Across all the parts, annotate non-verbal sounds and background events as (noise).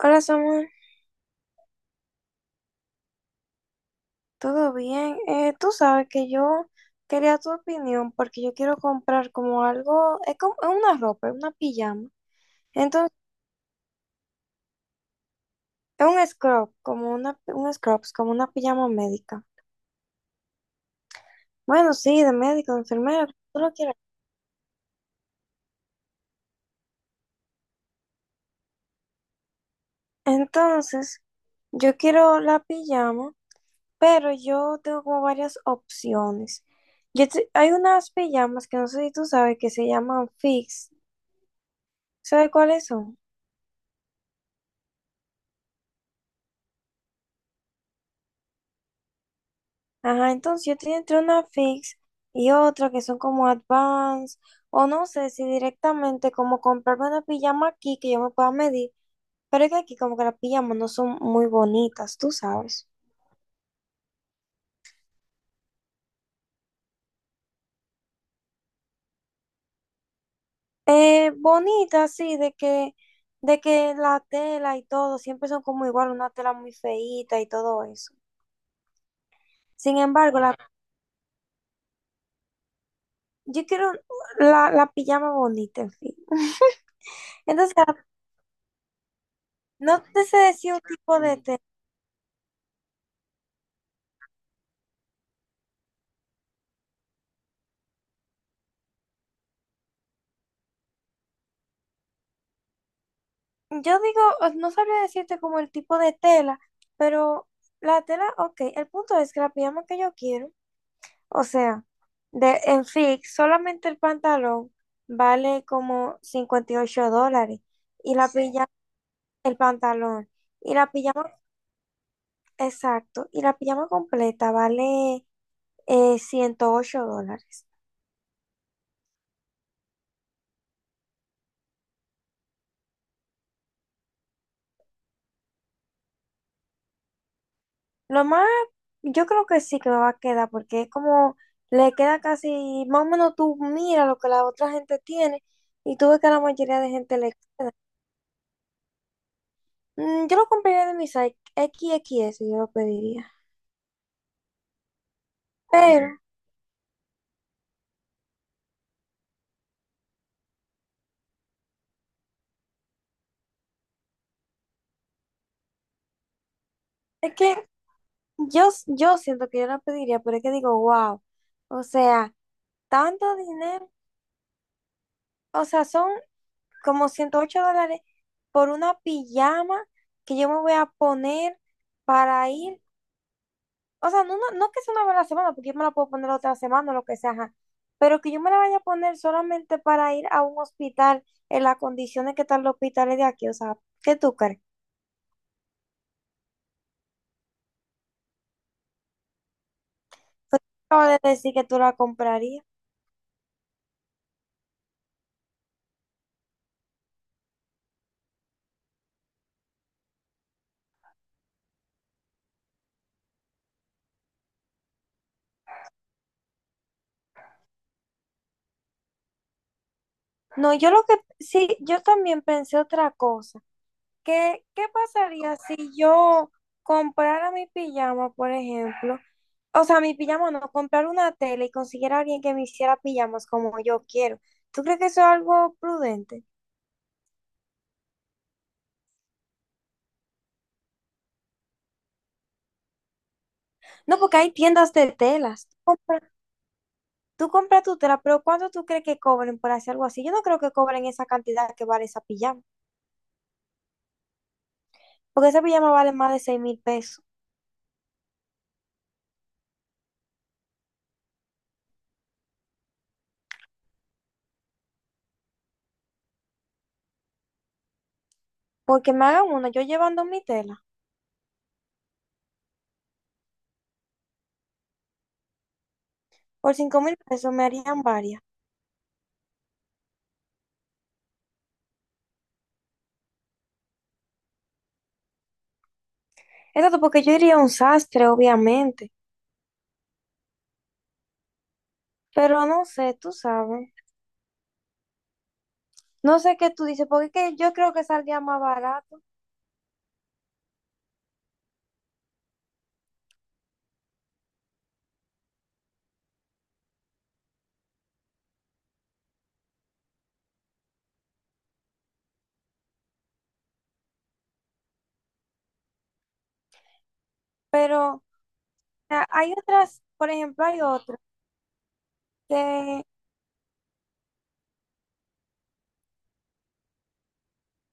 Hola Samuel, ¿todo bien? Tú sabes que yo quería tu opinión porque yo quiero comprar como algo, es como es una ropa, es una pijama. Entonces, es un scrub, como una, un scrubs, como una pijama médica. Bueno, sí, de médico, de enfermera, como tú lo quieras. Entonces, yo quiero la pijama, pero yo tengo como varias opciones. Hay unas pijamas que no sé si tú sabes que se llaman fix. ¿Sabes cuáles son? Ajá, entonces yo estoy entre una fix y otra que son como advance, o no sé si directamente como comprarme una pijama aquí que yo me pueda medir, pero es que aquí como que las pijamas no son muy bonitas, tú sabes. Bonitas, sí, de que la tela y todo siempre son como igual, una tela muy feíta y todo eso. Sin embargo, yo quiero la pijama bonita, en fin. (laughs) Entonces, no te sé decir un tipo de tela. Yo digo, no sabría decirte como el tipo de tela, pero la tela, ok, el punto es que la pijama que yo quiero, o sea, de, en fix, solamente el pantalón vale como $58 y la pijama, el pantalón, y la pijama, exacto, y la pijama completa vale $108. Lo más, yo creo que sí que me va a quedar, porque es como, le queda casi, más o menos tú mira lo que la otra gente tiene y tú ves que a la mayoría de gente le... Mm, yo lo compraría de mi site, XXS, yo lo pediría. Pero es que yo siento que yo la pediría, pero es que digo, wow, o sea, tanto dinero, o sea, son como $108 por una pijama que yo me voy a poner para ir. O sea, no, no, no que sea una vez a la semana, porque yo me la puedo poner otra semana o lo que sea, ajá. Pero que yo me la vaya a poner solamente para ir a un hospital en las condiciones que están los hospitales de aquí. O sea, ¿qué tú crees? Acabo de decir que tú la comprarías. No, sí, yo también pensé otra cosa. Qué pasaría si yo comprara mi pijama, por ejemplo? O sea, mi pijama no, comprar una tela y consiguiera a alguien que me hiciera pijamas como yo quiero. ¿Tú crees que eso es algo prudente? No, porque hay tiendas de telas. Tú compras tu tela, pero ¿cuánto tú crees que cobren por hacer algo así? Yo no creo que cobren esa cantidad que vale esa pijama, porque esa pijama vale más de 6,000 pesos. Porque me hagan una, yo llevando mi tela, por 5,000 pesos me harían varias. Exacto, porque yo iría a un sastre, obviamente, pero no sé, tú sabes. No sé qué tú dices, porque es que yo creo que saldría más barato, pero o sea, hay otras, por ejemplo, hay otras que,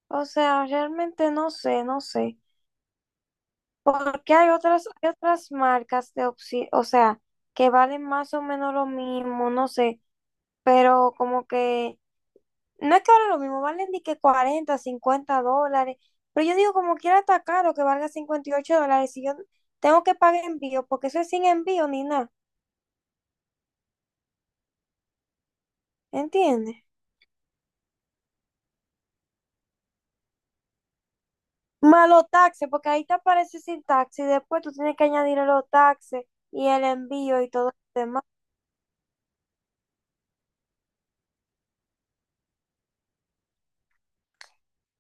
o sea, realmente no sé, no sé. Porque hay otras marcas de opción, o sea, que valen más o menos lo mismo, no sé, pero como que, no es que valen lo mismo, valen ni que $40 $50, pero yo digo como quiera está caro que valga $58 si yo tengo que pagar envío, porque eso es sin envío ni nada, ¿entiendes? Malo taxes, porque ahí te aparece sin taxi, después tú tienes que añadir los taxes y el envío y todo lo demás.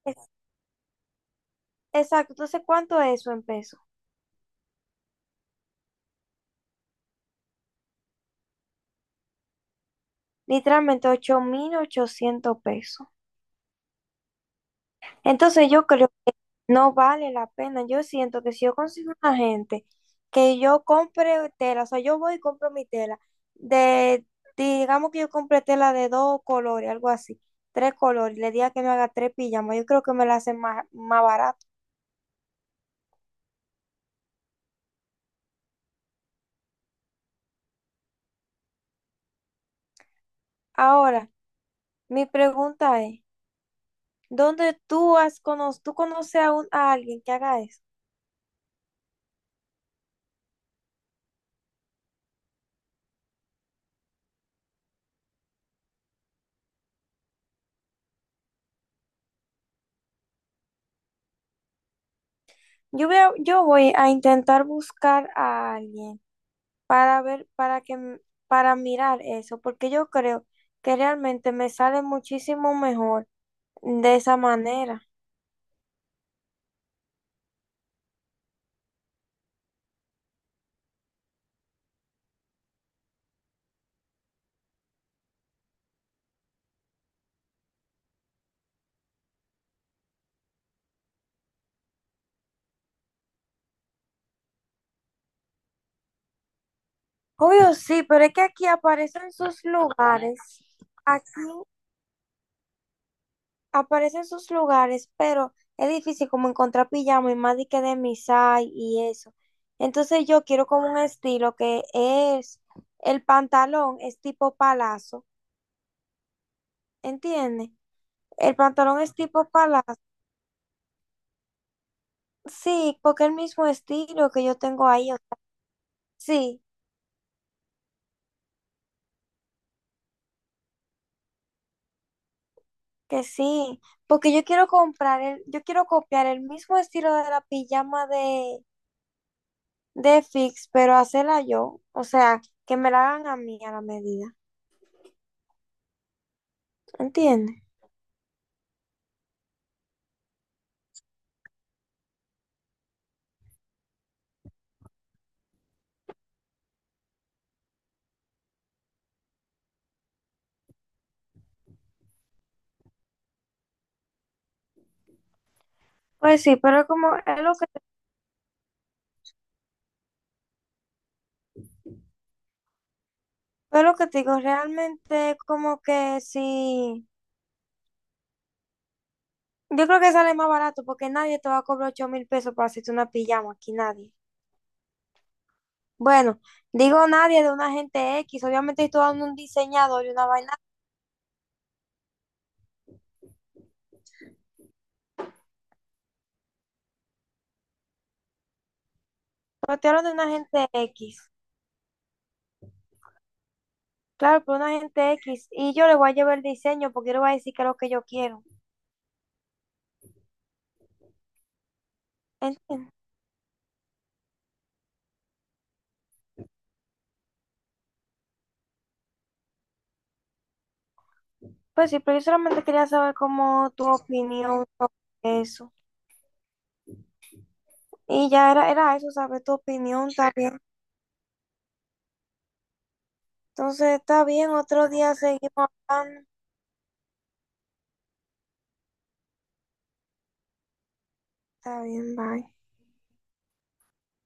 Es- Exacto, entonces ¿cuánto es eso en pesos? Literalmente 8,800 pesos. Entonces yo creo que no vale la pena. Yo siento que si yo consigo una gente que yo compre tela, o sea, yo voy y compro mi tela, de, digamos que yo compré tela de dos colores, algo así, tres colores, le diga que me haga tres pijamas, yo creo que me la hacen más, más barato. Ahora, mi pregunta es, ¿dónde tú conoces a, a alguien que haga eso? Yo voy a intentar buscar a alguien para ver, para mirar eso, porque yo creo que realmente me sale muchísimo mejor de esa manera. Obvio sí, pero es que aquí aparecen sus lugares, aquí aparecen sus lugares, pero es difícil como encontrar pijama y más de que de misai y eso. Entonces yo quiero como un estilo que es, el pantalón es tipo palazo, ¿entiendes? El pantalón es tipo palazo. Sí, porque el mismo estilo que yo tengo ahí, o sea, sí, que sí, porque yo quiero comprar el, yo quiero copiar el mismo estilo de la pijama de Fix, pero hacerla yo, o sea, que me la hagan a mí a la medida, ¿entiendes? Pues sí, pero como es lo que te digo, realmente como que sí, yo creo que sale más barato porque nadie te va a cobrar 8,000 pesos para hacerte una pijama, aquí nadie. Bueno, digo nadie de una gente X, obviamente estoy dando un diseñador y una vaina. Sortearon de una gente X. Claro, pero una gente X. Y yo le voy a llevar el diseño porque yo le voy a decir que es lo que yo quiero. ¿Entiendes? Pues sí, pero yo solamente quería saber cómo tu opinión sobre eso. Y ya era, era eso, saber tu opinión, está bien. Entonces, está bien, otro día seguimos hablando. Está bien, bye.